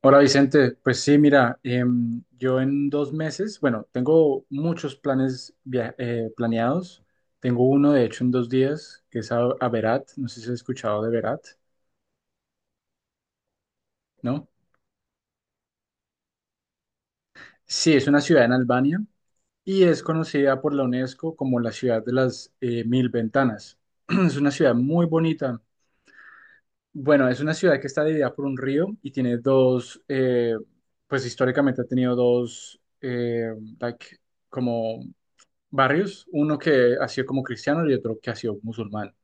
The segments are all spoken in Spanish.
Hola Vicente, pues sí, mira, yo en 2 meses, bueno, tengo muchos planes planeados. Tengo uno, de hecho, en 2 días, que es a Berat, no sé si has escuchado de Berat, ¿no? Sí, es una ciudad en Albania y es conocida por la UNESCO como la ciudad de las mil ventanas. Es una ciudad muy bonita. Bueno, es una ciudad que está dividida por un río y tiene dos, pues históricamente ha tenido dos, like, como barrios, uno que ha sido como cristiano y otro que ha sido musulmán.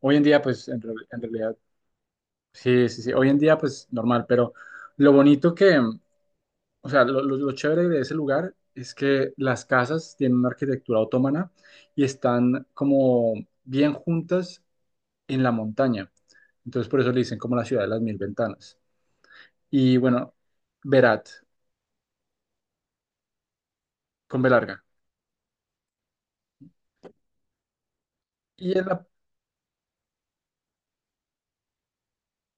Hoy en día, pues, en realidad, sí, sí, sí, hoy en día, pues, normal, pero lo bonito que, o sea, lo chévere de ese lugar es que las casas tienen una arquitectura otomana y están como bien juntas en la montaña. Entonces, por eso le dicen como la ciudad de las mil ventanas. Y bueno, Berat, con B larga. Y en la,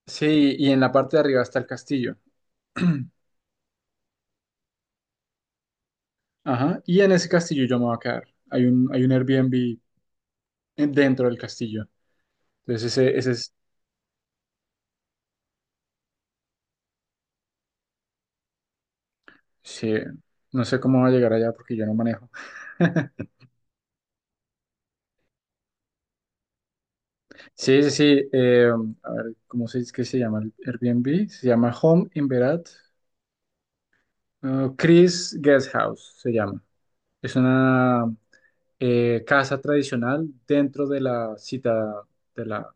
sí, y en la parte de arriba está el castillo. Ajá, y en ese castillo yo me voy a quedar. Hay un Airbnb dentro del castillo. Entonces sí, no sé cómo va a llegar allá porque yo no manejo. Sí, sí, sí. A ver, ¿cómo se dice que se llama el Airbnb? Se llama Home in Berat. Chris Guest House se llama. Es una casa tradicional dentro de la cita, de la,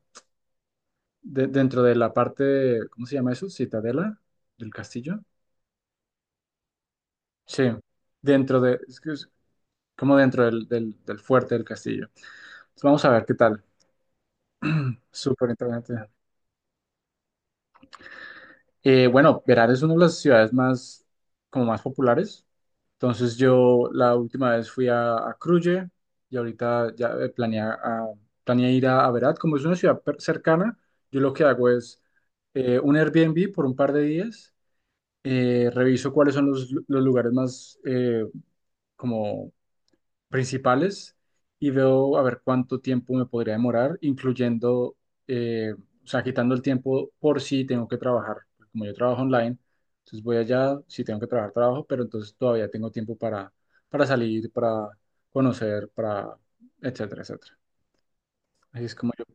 dentro de la parte, ¿cómo se llama eso? Citadela del castillo. Sí, dentro de, como dentro del fuerte del castillo. Entonces, vamos a ver qué tal. Súper interesante. Bueno, Verán es una de las ciudades como más populares. Entonces yo la última vez fui a Cruye y ahorita ya planeé ir a Berat. Como es una ciudad cercana, yo lo que hago es un Airbnb por un par de días. Reviso cuáles son los lugares más como principales y veo a ver cuánto tiempo me podría demorar, incluyendo, eh, o sea, quitando el tiempo por si tengo que trabajar. Pues, como yo trabajo online, entonces voy allá, si tengo que trabajar, trabajo, pero entonces todavía tengo tiempo para, salir, para conocer, para, etcétera, etcétera. Así es como yo.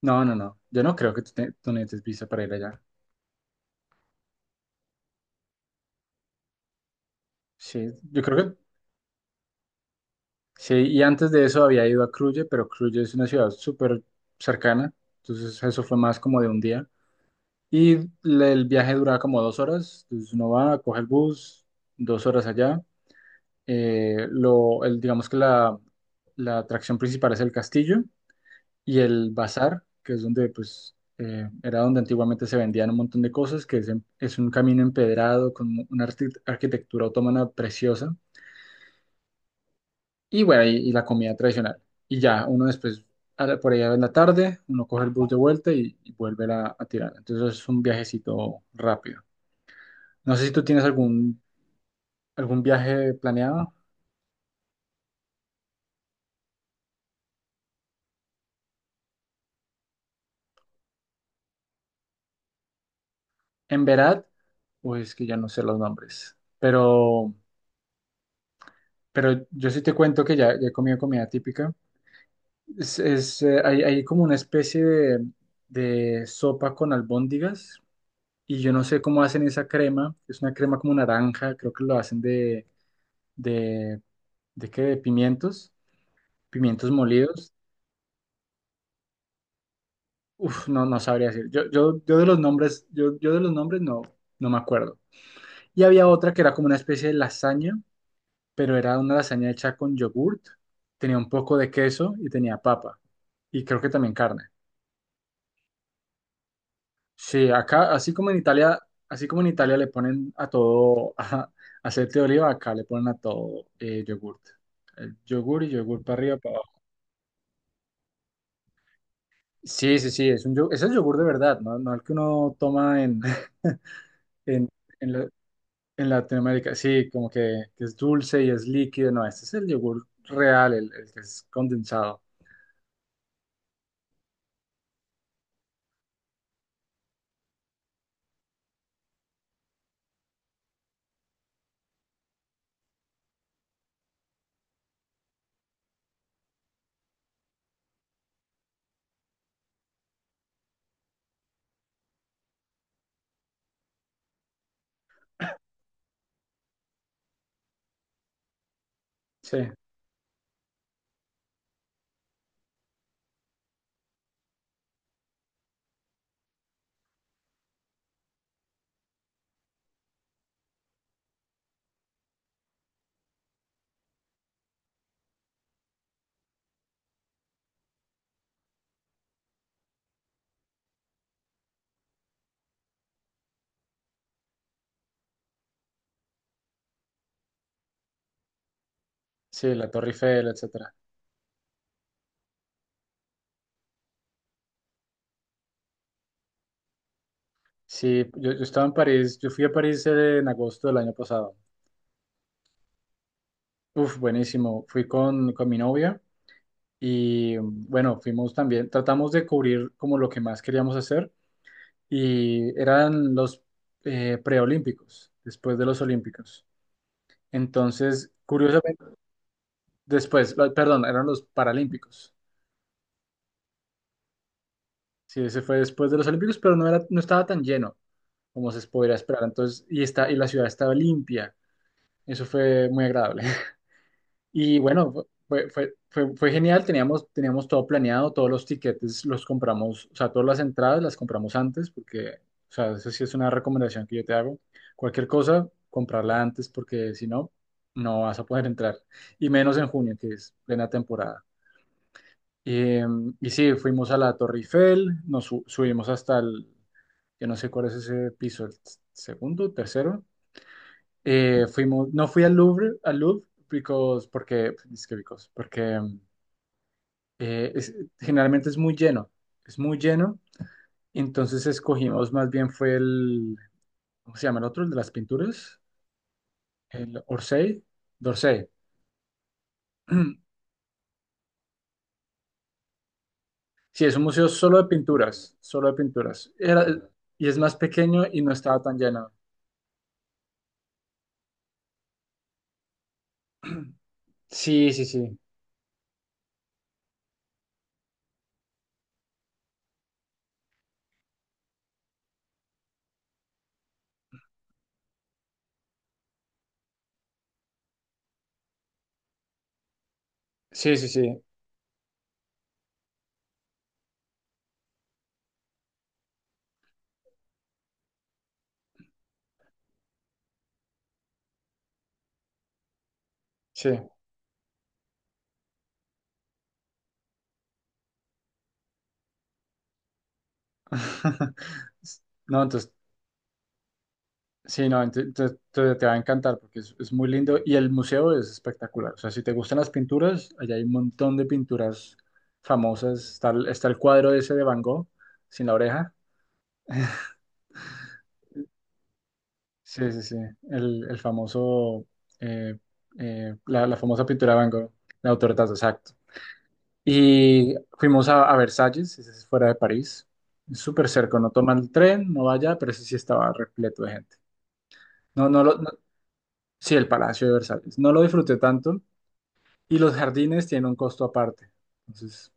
No, no, no. Yo no creo que tú necesites visa para ir allá. Sí, yo creo que sí. Y antes de eso había ido a Cruye, pero Cruye es una ciudad súper cercana. Entonces eso fue más como de un día. Y el viaje duraba como 2 horas, entonces uno va, coge el bus, 2 horas allá. Digamos que la atracción principal es el castillo y el bazar, que es donde, pues, era donde antiguamente se vendían un montón de cosas, es un camino empedrado con una arquitectura otomana preciosa. Y bueno, y la comida tradicional. Y ya, uno después, por allá en la tarde, uno coge el bus de vuelta y vuelve a tirar. Entonces es un viajecito rápido. No sé si tú tienes algún viaje planeado en Berat, o es que ya no sé los nombres. Pero yo sí te cuento que ya he comido comida típica. Hay como una especie de sopa con albóndigas y yo no sé cómo hacen esa crema. Es una crema como naranja, creo que lo hacen de, de pimientos molidos. Uf, no, no sabría decir. Yo de los nombres, no me acuerdo. Y había otra que era como una especie de lasaña, pero era una lasaña hecha con yogurt, tenía un poco de queso y tenía papa. Y creo que también carne. Sí, acá, así como en Italia le ponen a todo ajá, aceite de oliva, acá le ponen a todo yogurt. El yogur y yogur para arriba, para abajo. Sí, sí, sí, es el yogur de verdad, ¿no? No el que uno toma en, en, la- en Latinoamérica. Sí, como que es dulce y es líquido, no, este es el yogur real, el que es condensado. Sí, sí, la Torre Eiffel, etcétera. Sí, yo fui a París en agosto del año pasado. Uf, buenísimo. Fui con mi novia y bueno, fuimos también, tratamos de cubrir como lo que más queríamos hacer y eran los preolímpicos, después de los olímpicos. Entonces, curiosamente, después, perdón, eran los paralímpicos. Sí, ese fue después de los olímpicos, pero no estaba tan lleno como se podría esperar. Entonces, y la ciudad estaba limpia. Eso fue muy agradable. Y bueno, fue genial, teníamos todo planeado, todos los tiquetes los compramos, o sea, todas las entradas las compramos antes, porque, o sea, eso sí es una recomendación que yo te hago. Cualquier cosa, comprarla antes, porque si no, no vas a poder entrar. Y menos en junio, que es plena temporada. Eh, y sí, fuimos a la Torre Eiffel, nos subimos hasta el, yo no sé cuál es ese piso, el segundo, tercero, no fui al Louvre, because, porque, es que because, porque eh, es- generalmente es muy lleno, es muy lleno, entonces escogimos, más bien fue el, ¿cómo se llama el otro? El de las pinturas, el Orsay, d'Orsay. Sí, es un museo solo de pinturas, solo de pinturas. Y es más pequeño y no estaba tan lleno. Sí, sí, sí, sí, sí, sí, sí. No, entonces sí. No, te va a encantar porque es muy lindo y el museo es espectacular. O sea, si te gustan las pinturas, allá hay un montón de pinturas famosas. Está el cuadro ese de Van Gogh, sin la oreja. Sí, sí, sí. El, el famoso, eh, la famosa pintura de Van Gogh, la autorretrato, exacto. Y fuimos a Versalles, ese es fuera de París. Es súper cerca, no toma el tren, no vaya, pero ese sí estaba repleto de gente. No, no, lo, no- Sí, el Palacio de Versalles. No lo disfruté tanto. Y los jardines tienen un costo aparte. Entonces,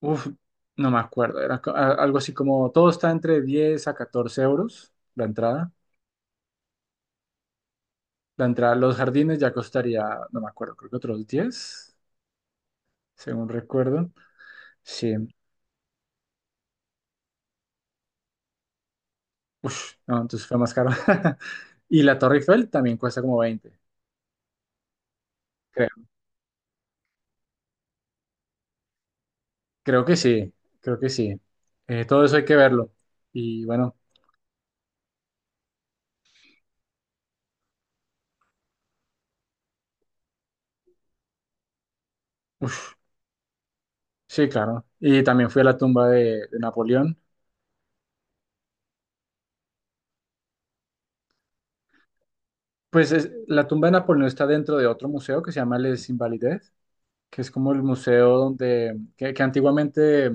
uff, no me acuerdo. Era algo así como todo está entre 10 a 14 euros la entrada. La entrada a los jardines ya costaría, no me acuerdo, creo que otros 10, según recuerdo. Sí, uff, no, entonces fue más caro. Y la Torre Eiffel también cuesta como 20. Creo, creo que sí, creo que sí. Todo eso hay que verlo. Y bueno, sí, claro. Y también fui a la tumba de Napoleón. Pues la tumba de Napoleón está dentro de otro museo que se llama Les Invalides, que es como el museo donde, que antiguamente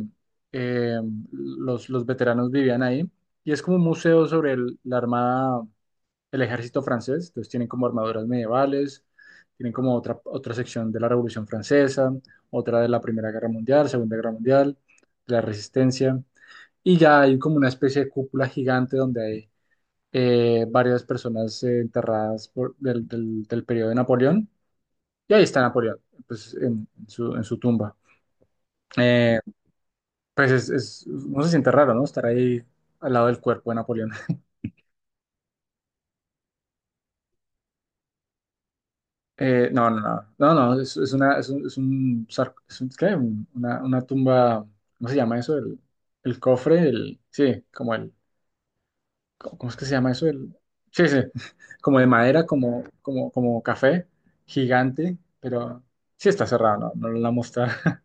eh, los veteranos vivían ahí. Y es como un museo sobre la armada, el ejército francés. Entonces tienen como armaduras medievales, tienen como otra sección de la Revolución Francesa, otra de la Primera Guerra Mundial, Segunda Guerra Mundial, de la Resistencia. Y ya hay como una especie de cúpula gigante donde hay varias personas enterradas del periodo de Napoleón, y ahí está Napoleón, pues en su tumba. Eh, pues no se siente raro, ¿no? Estar ahí al lado del cuerpo de Napoleón. No, no, no, no, no, es una, es un, sar- es un- ¿qué? Una tumba. ¿Cómo se llama eso? El cofre, el, sí, como el, ¿Cómo es que se llama eso? El, sí, sí, como de madera, como café, gigante, pero sí está cerrado, no, no lo la mostrar.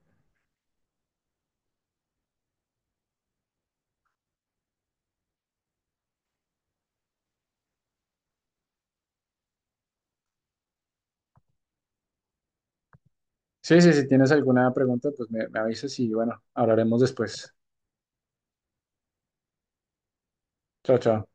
Sí, sí, si tienes alguna pregunta, pues me avisas y bueno, hablaremos después. Chao, chao.